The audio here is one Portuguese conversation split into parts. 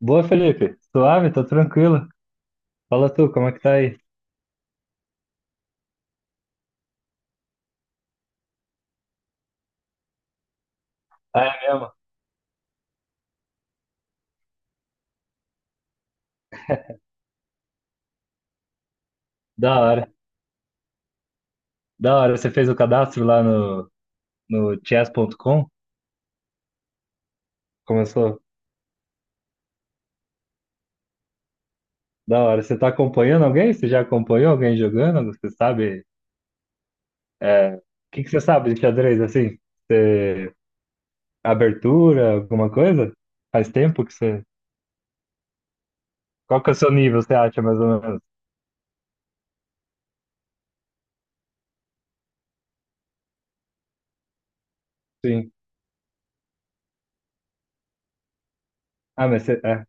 Boa, Felipe. Suave, tô tranquilo. Fala tu, como é que tá aí? Ah, é mesmo? Da hora. Da hora. Você fez o cadastro lá no chess.com? Começou? Da hora. Você tá acompanhando alguém? Você já acompanhou alguém jogando? Você sabe? É. O que que você sabe de xadrez, assim? Você. Abertura, alguma coisa? Faz tempo que você. Qual que é o seu nível, você acha, mais ou menos? Sim. Ah, mas você. É.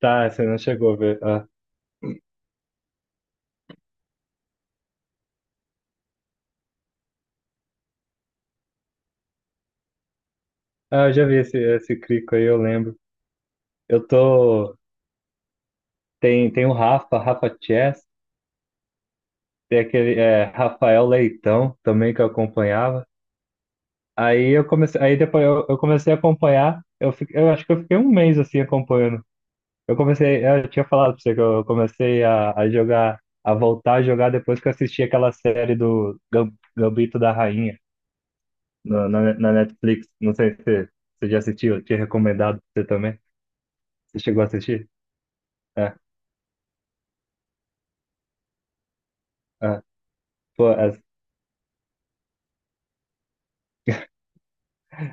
Tá, você não chegou a ver. Ah, eu já vi esse crico aí, eu lembro. Eu tô. Tem o Rafa Chess, tem aquele Rafael Leitão também que eu acompanhava. Aí eu comecei, aí depois eu comecei a acompanhar, eu acho que eu fiquei um mês assim acompanhando. Eu comecei, eu tinha falado pra você que eu comecei a jogar, a voltar a jogar depois que eu assisti aquela série do Gambito da Rainha na Netflix. Não sei se você já assistiu, eu tinha recomendado pra você também. Você chegou a assistir? É, é. Pô,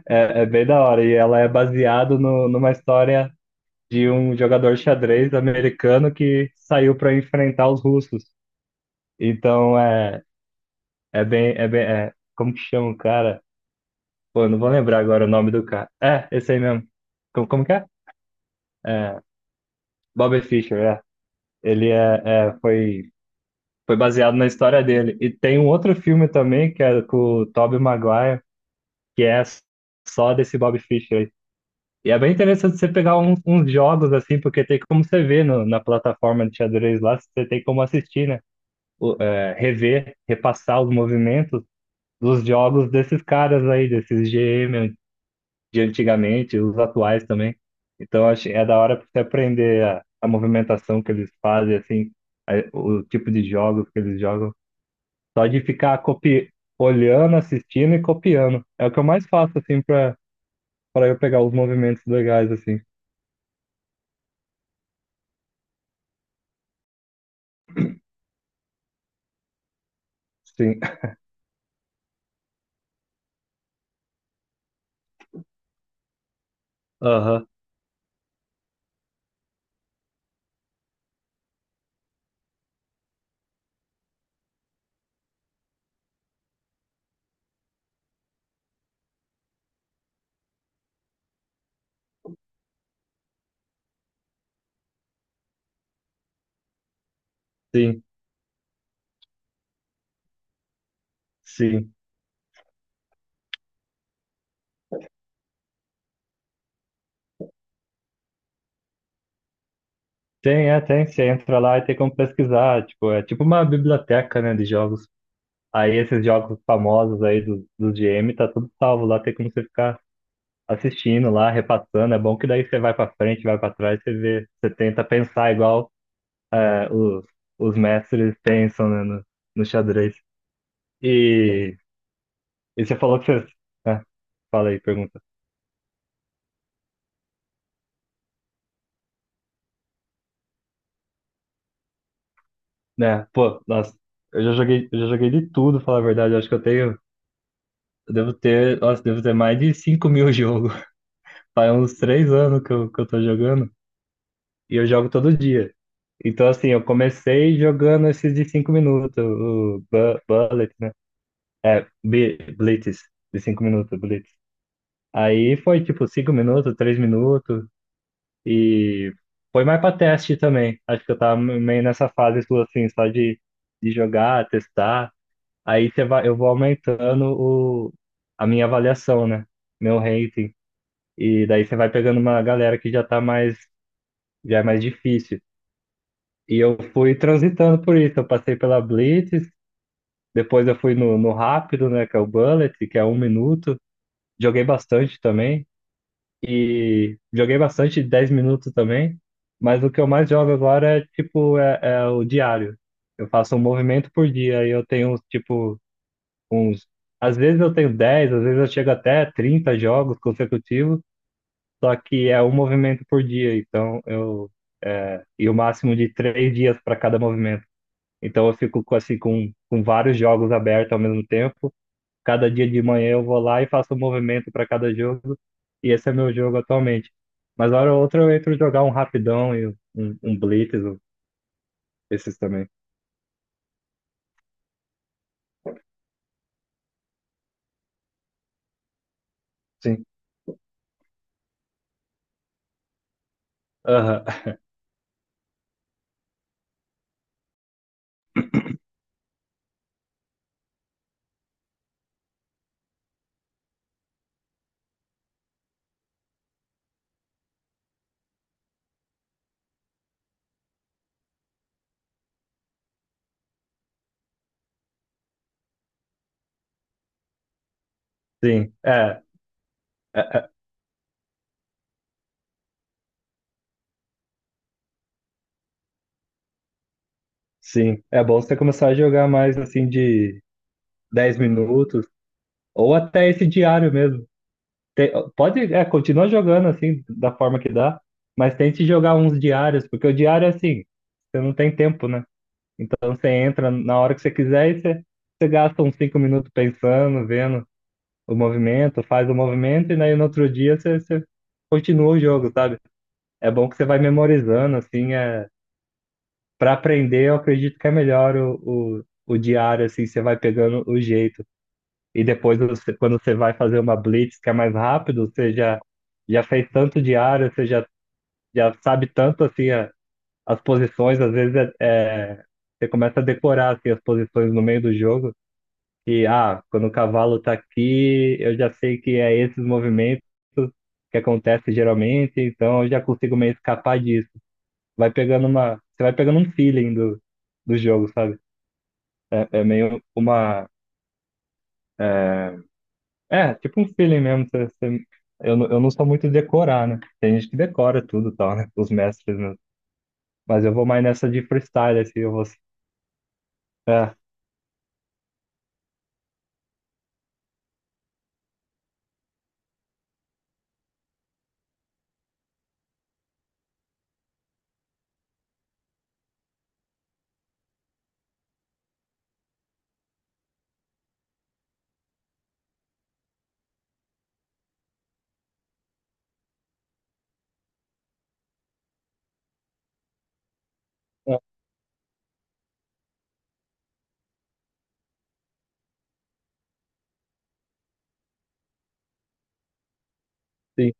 é é bem da hora. E ela é baseada numa história de um jogador de xadrez americano que saiu para enfrentar os russos. Então é bem, como que chama o cara? Pô, eu não vou lembrar agora o nome do cara. É, esse aí mesmo. Como que é? É, Bobby Fischer, é. Ele é, foi, foi baseado na história dele. E tem um outro filme também, que é com o Tobey Maguire, que é só desse Bobby Fischer aí. E é bem interessante você pegar uns jogos assim, porque tem como você ver na plataforma de xadrez lá, você tem como assistir, né? Rever, repassar os movimentos dos jogos desses caras aí, desses GM de antigamente, os atuais também. Então, acho, é da hora pra você aprender a movimentação que eles fazem, assim, o tipo de jogos que eles jogam. Só de ficar copi olhando, assistindo e copiando. É o que eu mais faço, assim, pra eu pegar os movimentos legais, assim. Sim. Aham, sim, sim. Tem. Você entra lá e tem como pesquisar. Tipo, é tipo uma biblioteca, né, de jogos. Aí esses jogos famosos aí do GM tá tudo salvo lá, tem como você ficar assistindo lá, repassando. É bom que daí você vai pra frente, vai pra trás, você vê, você tenta pensar igual é, os, os mestres pensam, né, no xadrez. E, e você falou que você. É, fala aí, pergunta. Né, pô, nossa, eu já joguei de tudo, falar a verdade, eu acho que eu tenho. Eu devo ter, nossa, devo ter mais de 5.000 jogos. Faz uns 3 anos que eu tô jogando. E eu jogo todo dia. Então, assim, eu comecei jogando esses de 5 minutos, o Bullet, né? É, Blitz, de 5 minutos, Blitz. Aí foi tipo 5 minutos, 3 minutos, e foi mais pra teste também. Acho que eu tava meio nessa fase, tipo assim, só de jogar, testar. Aí você vai, eu vou aumentando a minha avaliação, né? Meu rating. E daí você vai pegando uma galera que já tá mais, já é mais difícil. E eu fui transitando por isso. Eu passei pela Blitz, depois eu fui no rápido, né? Que é o Bullet, que é 1 minuto. Joguei bastante também. E joguei bastante 10 minutos também. Mas o que eu mais jogo agora é tipo é o diário. Eu faço um movimento por dia e eu tenho tipo uns. Às vezes eu tenho 10, às vezes eu chego até 30 jogos consecutivos, só que é um movimento por dia, então eu. É, e o máximo de 3 dias para cada movimento. Então eu fico assim com vários jogos abertos ao mesmo tempo. Cada dia de manhã eu vou lá e faço um movimento para cada jogo. E esse é meu jogo atualmente. Mas hora ou outra eu entro jogar um rapidão e um blitz, esses também. Sim. Aham. Sim. É, é, é. Sim. É bom você começar a jogar mais assim de 10 minutos ou até esse diário mesmo. Pode, continua jogando assim da forma que dá, mas tente jogar uns diários, porque o diário é assim, você não tem tempo, né? Então você entra na hora que você quiser e você gasta uns cinco minutos pensando, vendo o movimento, faz o movimento e daí no outro dia você continua o jogo, sabe? É bom que você vai memorizando, assim, para aprender eu acredito que é melhor o diário, assim, você vai pegando o jeito. E depois, quando você vai fazer uma blitz que é mais rápido, você já fez tanto diário, você já sabe tanto, assim, as posições, às vezes você começa a decorar, assim, as posições no meio do jogo que, ah, quando o cavalo está aqui, eu já sei que é esses movimentos que acontece geralmente, então eu já consigo meio escapar disso. Vai pegando você vai pegando um feeling do jogo, sabe? É, meio tipo um feeling mesmo, eu não sou muito de decorar, né? Tem gente que decora tudo, e tal, né? Os mestres, né? Mas eu vou mais nessa de freestyle, assim, eu vou, é, é, sim.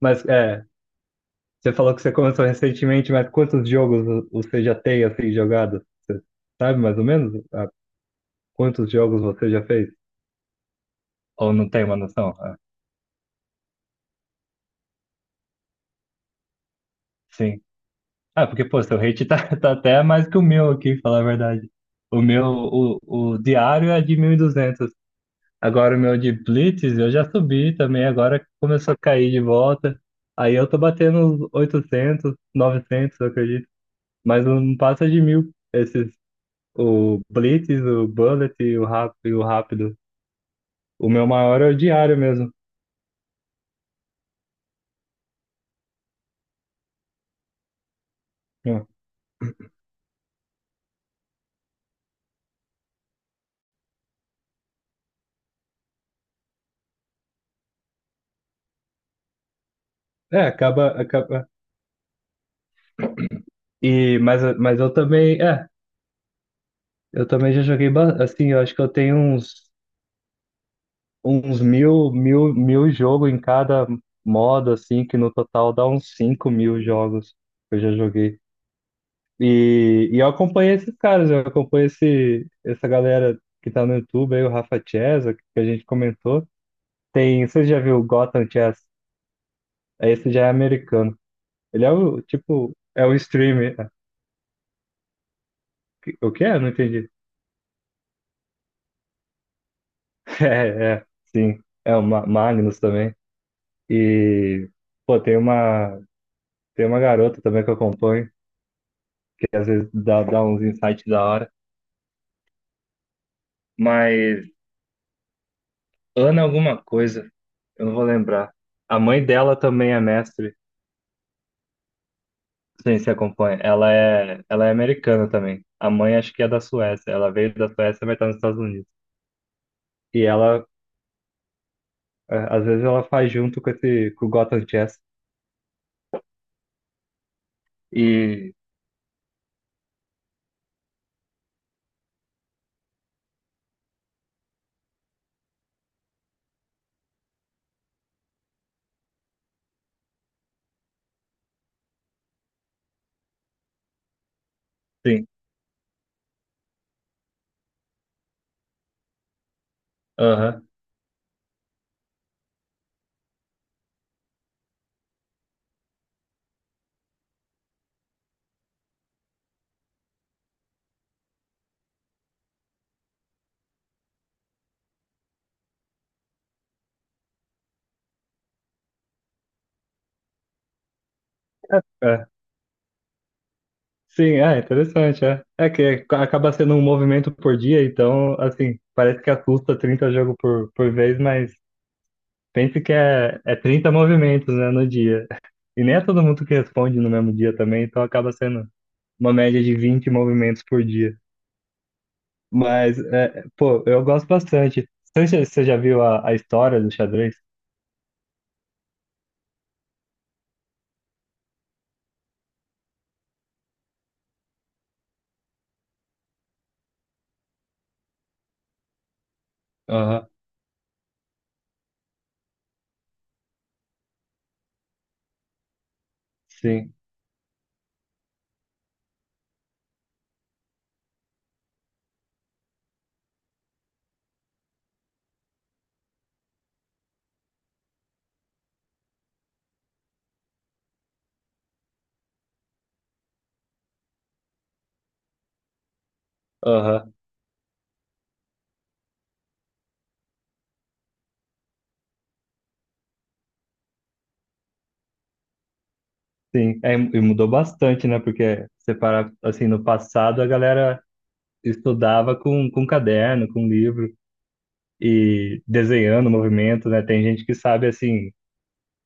Mas, você falou que você começou recentemente, mas quantos jogos você já tem assim jogado? Você sabe mais ou menos, quantos jogos você já fez? Ou não tem uma noção? Ah, sim. Ah, porque pô, seu rate tá, tá até mais que o meu aqui, falar a verdade. O meu, o, o diário é de 1.200. Agora o meu de Blitz eu já subi também, agora começou a cair de volta. Aí eu tô batendo uns 800, 900, eu acredito. Mas não passa de 1.000 esses. O Blitz, o Bullet e o Rápido, e o rápido. O meu maior é o diário mesmo. Hum. É, acaba, acaba. E, mas eu também, eu também já joguei, assim, eu acho que eu tenho uns mil, mil, mil jogos em cada modo, assim, que no total dá uns 5.000 jogos que eu já joguei. E eu acompanhei esses caras, eu acompanho essa galera que tá no YouTube aí, o Rafa Chesa, que a gente comentou. Tem, você já viu o Gotham Chess? Esse já é americano. Ele é o streamer. O que é? Eu não entendi. É, é, sim. É o Magnus também. E, pô, tem uma garota também que eu acompanho, que às vezes dá uns insights da hora. Mas Ana alguma coisa, eu não vou lembrar. A mãe dela também é mestre, sem se acompanha. Ela é americana também. A mãe acho que é da Suécia. Ela veio da Suécia, mas tá nos Estados Unidos. E ela, Às vezes, ela faz junto com com o Gotham Chess. E, sim. Aham, é. Sim, é interessante, é. É que acaba sendo um movimento por dia, então, assim, parece que assusta 30 jogos por vez, mas pense que é 30 movimentos, né, no dia. E nem é todo mundo que responde no mesmo dia também, então acaba sendo uma média de 20 movimentos por dia. Mas, pô, eu gosto bastante. Você já viu a história do xadrez? Aham, sim, aham, sim. É, e mudou bastante, né, porque você para, assim, no passado a galera estudava com caderno, com livro e desenhando o movimento, né? Tem gente que sabe assim,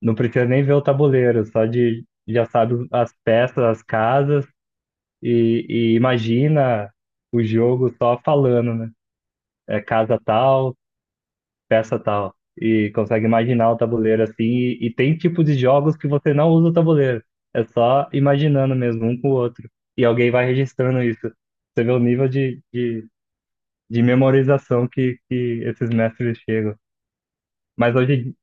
não precisa nem ver o tabuleiro, só de já sabe as peças, as casas e imagina o jogo só falando, né? É casa tal, peça tal. E consegue imaginar o tabuleiro assim. E tem tipos de jogos que você não usa o tabuleiro. É só imaginando mesmo, um com o outro. E alguém vai registrando isso. Você vê o nível de memorização que esses mestres chegam. Mas hoje,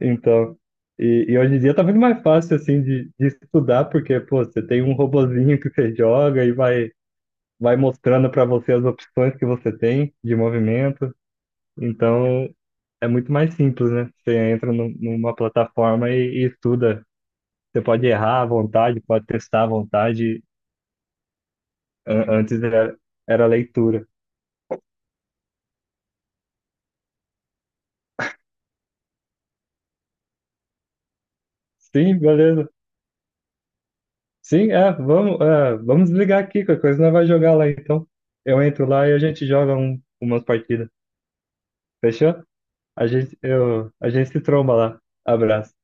então, e hoje em dia tá muito mais fácil, assim, de estudar, porque, pô, você tem um robozinho que você joga e vai mostrando para você as opções que você tem de movimento. Então, é muito mais simples, né? Você entra numa plataforma e estuda. Você pode errar à vontade, pode testar à vontade. Antes era leitura. Sim, beleza. Sim, vamos desligar aqui, qualquer coisa não vai jogar lá, então. Eu entro lá e a gente joga umas partidas. Fechou? A gente se tromba lá. Abraço.